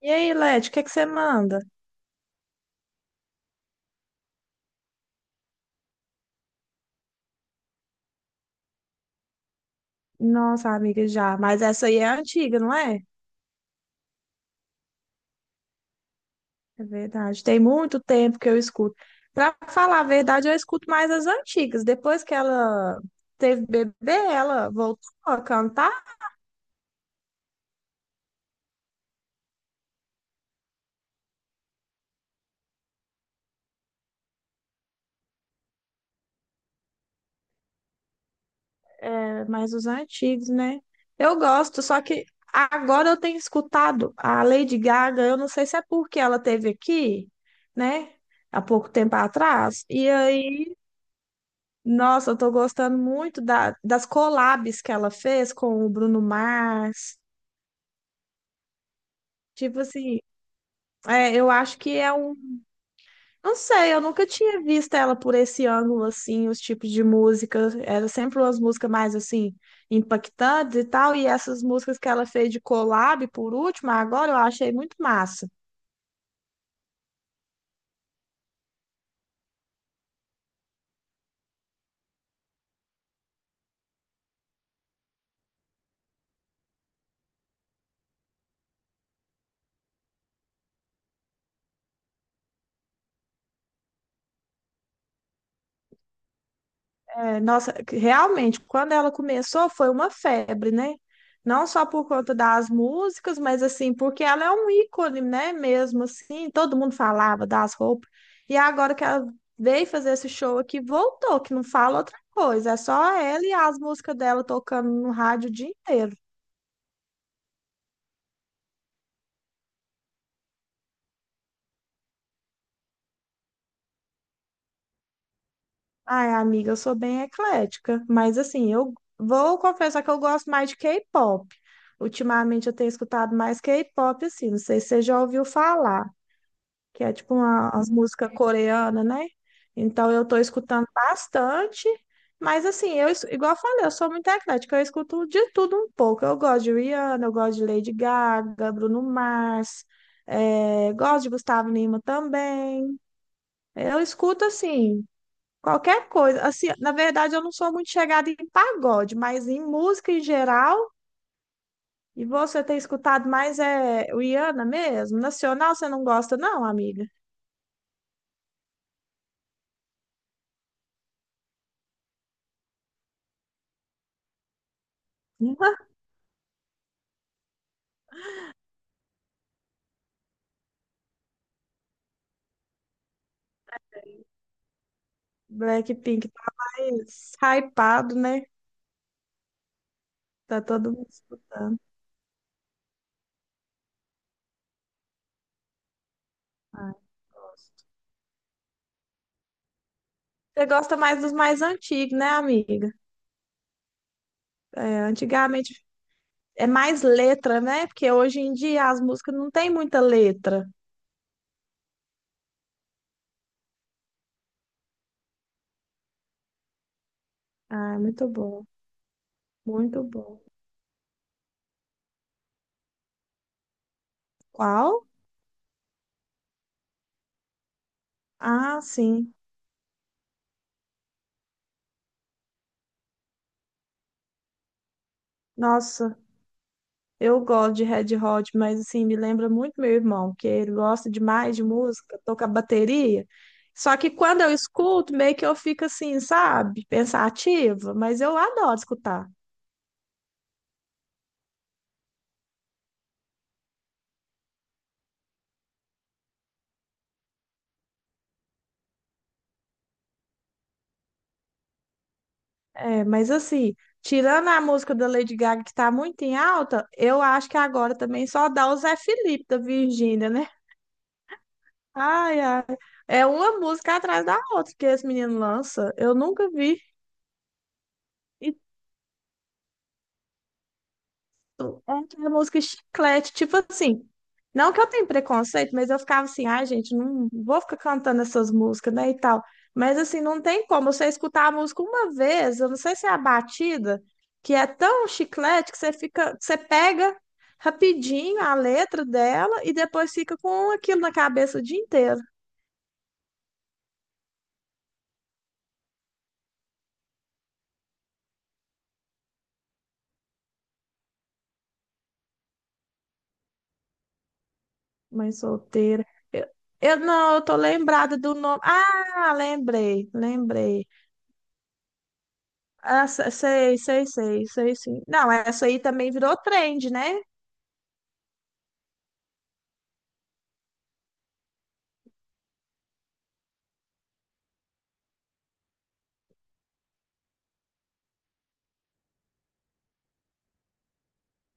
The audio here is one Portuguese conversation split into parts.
E aí, Leti, o que que você manda? Nossa, amiga, já. Mas essa aí é antiga, não é? É verdade. Tem muito tempo que eu escuto. Pra falar a verdade, eu escuto mais as antigas. Depois que ela teve bebê, ela voltou a cantar, é, mas os antigos, né? Eu gosto, só que agora eu tenho escutado a Lady Gaga. Eu não sei se é porque ela teve aqui, né? Há pouco tempo atrás. E aí. Nossa, eu tô gostando muito das collabs que ela fez com o Bruno Mars. Tipo assim, é, eu acho que é um. Não sei, eu nunca tinha visto ela por esse ângulo, assim, os tipos de música. Era sempre umas músicas mais, assim, impactantes e tal. E essas músicas que ela fez de collab, por último, agora eu achei muito massa. É, nossa, realmente, quando ela começou foi uma febre, né? Não só por conta das músicas, mas assim, porque ela é um ícone, né? Mesmo assim, todo mundo falava das roupas. E agora que ela veio fazer esse show aqui, voltou, que não fala outra coisa, é só ela e as músicas dela tocando no rádio o dia inteiro. Ai, amiga, eu sou bem eclética, mas assim, eu vou confessar que eu gosto mais de K-pop. Ultimamente eu tenho escutado mais K-pop, assim, não sei se você já ouviu falar. Que é tipo uma, as músicas coreanas, né? Então eu tô escutando bastante, mas assim, igual eu falei, eu sou muito eclética, eu escuto de tudo um pouco. Eu gosto de Rihanna, eu gosto de Lady Gaga, Bruno Mars, gosto de Gustavo Lima também. Eu escuto assim, qualquer coisa. Assim, na verdade, eu não sou muito chegada em pagode, mas em música em geral. E você tem escutado mais é Rihanna mesmo? Nacional você não gosta, não, amiga? Blackpink tá mais hypado, né? Tá todo mundo escutando. Ai, gosto. Você gosta mais dos mais antigos, né, amiga? É, antigamente é mais letra, né? Porque hoje em dia as músicas não tem muita letra. Ah, muito bom, muito bom. Qual? Ah, sim. Nossa. Eu gosto de Red Hot, mas assim, me lembra muito meu irmão, que ele gosta demais de música, toca bateria. Só que quando eu escuto, meio que eu fico assim, sabe, pensativa, mas eu adoro escutar. É, mas assim, tirando a música da Lady Gaga, que tá muito em alta, eu acho que agora também só dá o Zé Felipe da Virgínia, né? Ai, ai. É uma música atrás da outra que esse menino lança. Eu nunca vi. E é aquela música chiclete, tipo assim. Não que eu tenha preconceito, mas eu ficava assim, ai, gente, não vou ficar cantando essas músicas, né, e tal. Mas assim, não tem como você escutar a música uma vez, eu não sei se é a batida, que é tão chiclete que você fica, você pega rapidinho a letra dela e depois fica com aquilo na cabeça o dia inteiro. Mãe solteira. Eu, eu não, eu tô lembrada do nome. Ah, lembrei, lembrei. Ah, sei, sei, sei, sei, sim. Não, essa aí também virou trend, né?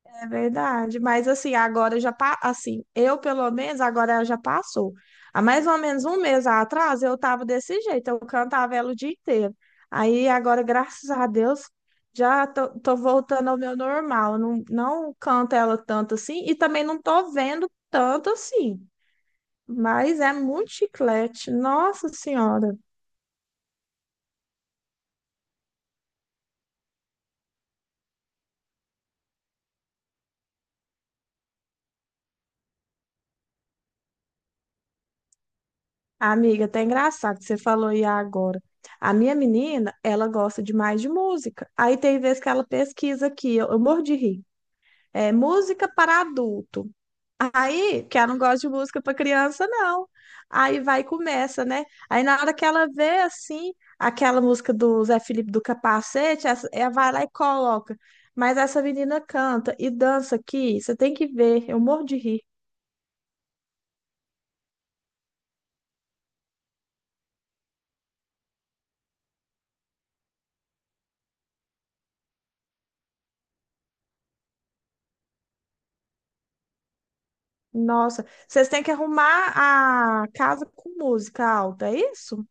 É verdade. Mas assim, assim, eu pelo menos agora já passou. Há mais ou menos um mês atrás eu tava desse jeito, eu cantava ela o dia inteiro. Aí agora, graças a Deus, já tô voltando ao meu normal. Não, não canto ela tanto assim e também não tô vendo tanto assim. Mas é muito chiclete, nossa senhora. Amiga, até engraçado que você falou aí agora. A minha menina, ela gosta demais de música. Aí tem vezes que ela pesquisa aqui, eu morro de rir. É música para adulto. Aí, que ela não gosta de música para criança, não. Aí vai e começa, né? Aí na hora que ela vê assim, aquela música do Zé Felipe do Capacete, ela vai lá e coloca. Mas essa menina canta e dança aqui, você tem que ver, eu morro de rir. Nossa, vocês têm que arrumar a casa com música alta, é isso?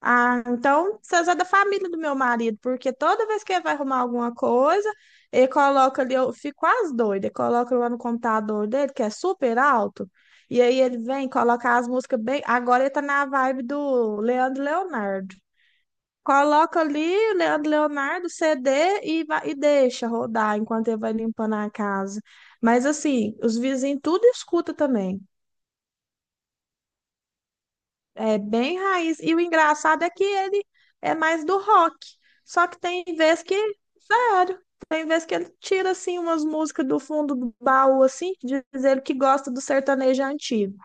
Ah, então vocês é da família do meu marido, porque toda vez que ele vai arrumar alguma coisa, ele coloca ali, eu fico quase doida, ele coloca lá no computador dele, que é super alto, e aí ele vem, coloca as músicas bem. Agora ele tá na vibe do Leandro e Leonardo. Coloca ali o Leandro e Leonardo, CD e, vai, e deixa rodar enquanto ele vai limpando a casa. Mas assim, os vizinhos tudo escuta também. É bem raiz. E o engraçado é que ele é mais do rock. Só que tem vez que, sério, tem vez que ele tira assim umas músicas do fundo do baú assim, diz ele que gosta do sertanejo antigo.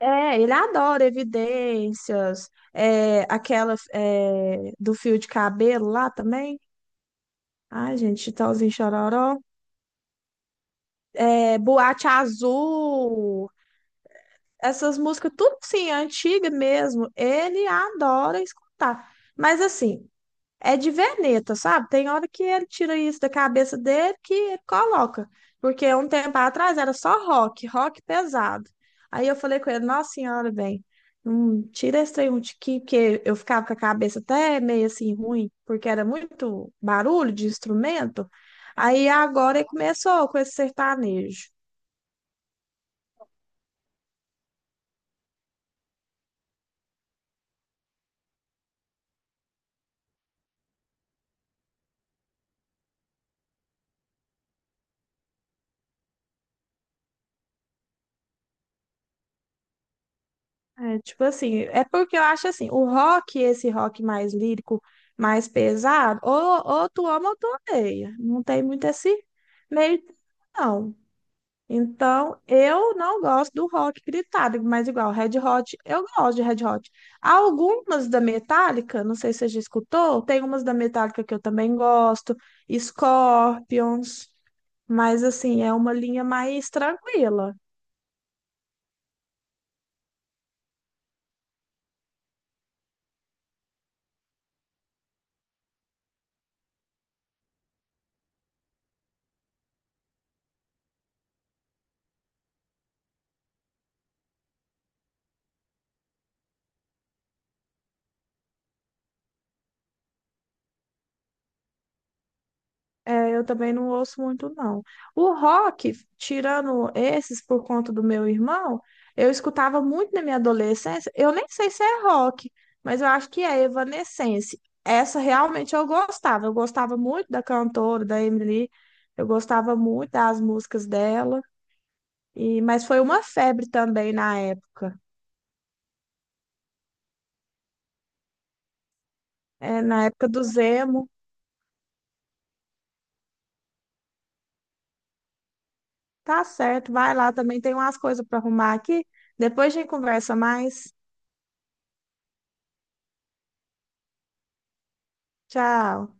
É, ele adora Evidências, é, aquela é, do fio de cabelo lá também. Ai, gente, Chitãozinho e Chororó. É, Boate Azul. Essas músicas, tudo sim, antiga mesmo. Ele adora escutar. Mas assim, é de veneta, sabe? Tem hora que ele tira isso da cabeça dele que ele coloca. Porque um tempo atrás era só rock, rock pesado. Aí eu falei com ele, nossa senhora, tira esse trem de aqui, porque eu ficava com a cabeça até meio assim ruim, porque era muito barulho de instrumento. Aí agora ele começou com esse sertanejo. É, tipo assim, é porque eu acho assim, o rock, esse rock mais lírico, mais pesado, ou tu ama ou tu odeia. Não tem muito esse meio, termo, não. Então, eu não gosto do rock gritado, mas igual, Red Hot, eu gosto de Red Hot. Algumas da Metallica, não sei se você já escutou, tem umas da Metallica que eu também gosto, Scorpions, mas assim, é uma linha mais tranquila. É, eu também não ouço muito, não. O rock, tirando esses por conta do meu irmão, eu escutava muito na minha adolescência. Eu nem sei se é rock, mas eu acho que é Evanescence. Essa realmente eu gostava. Eu gostava muito da cantora, da Emily. Eu gostava muito das músicas dela. E, mas foi uma febre também na época. É, na época do Zemo. Tá certo, vai lá também. Tem umas coisas para arrumar aqui. Depois a gente conversa mais. Tchau.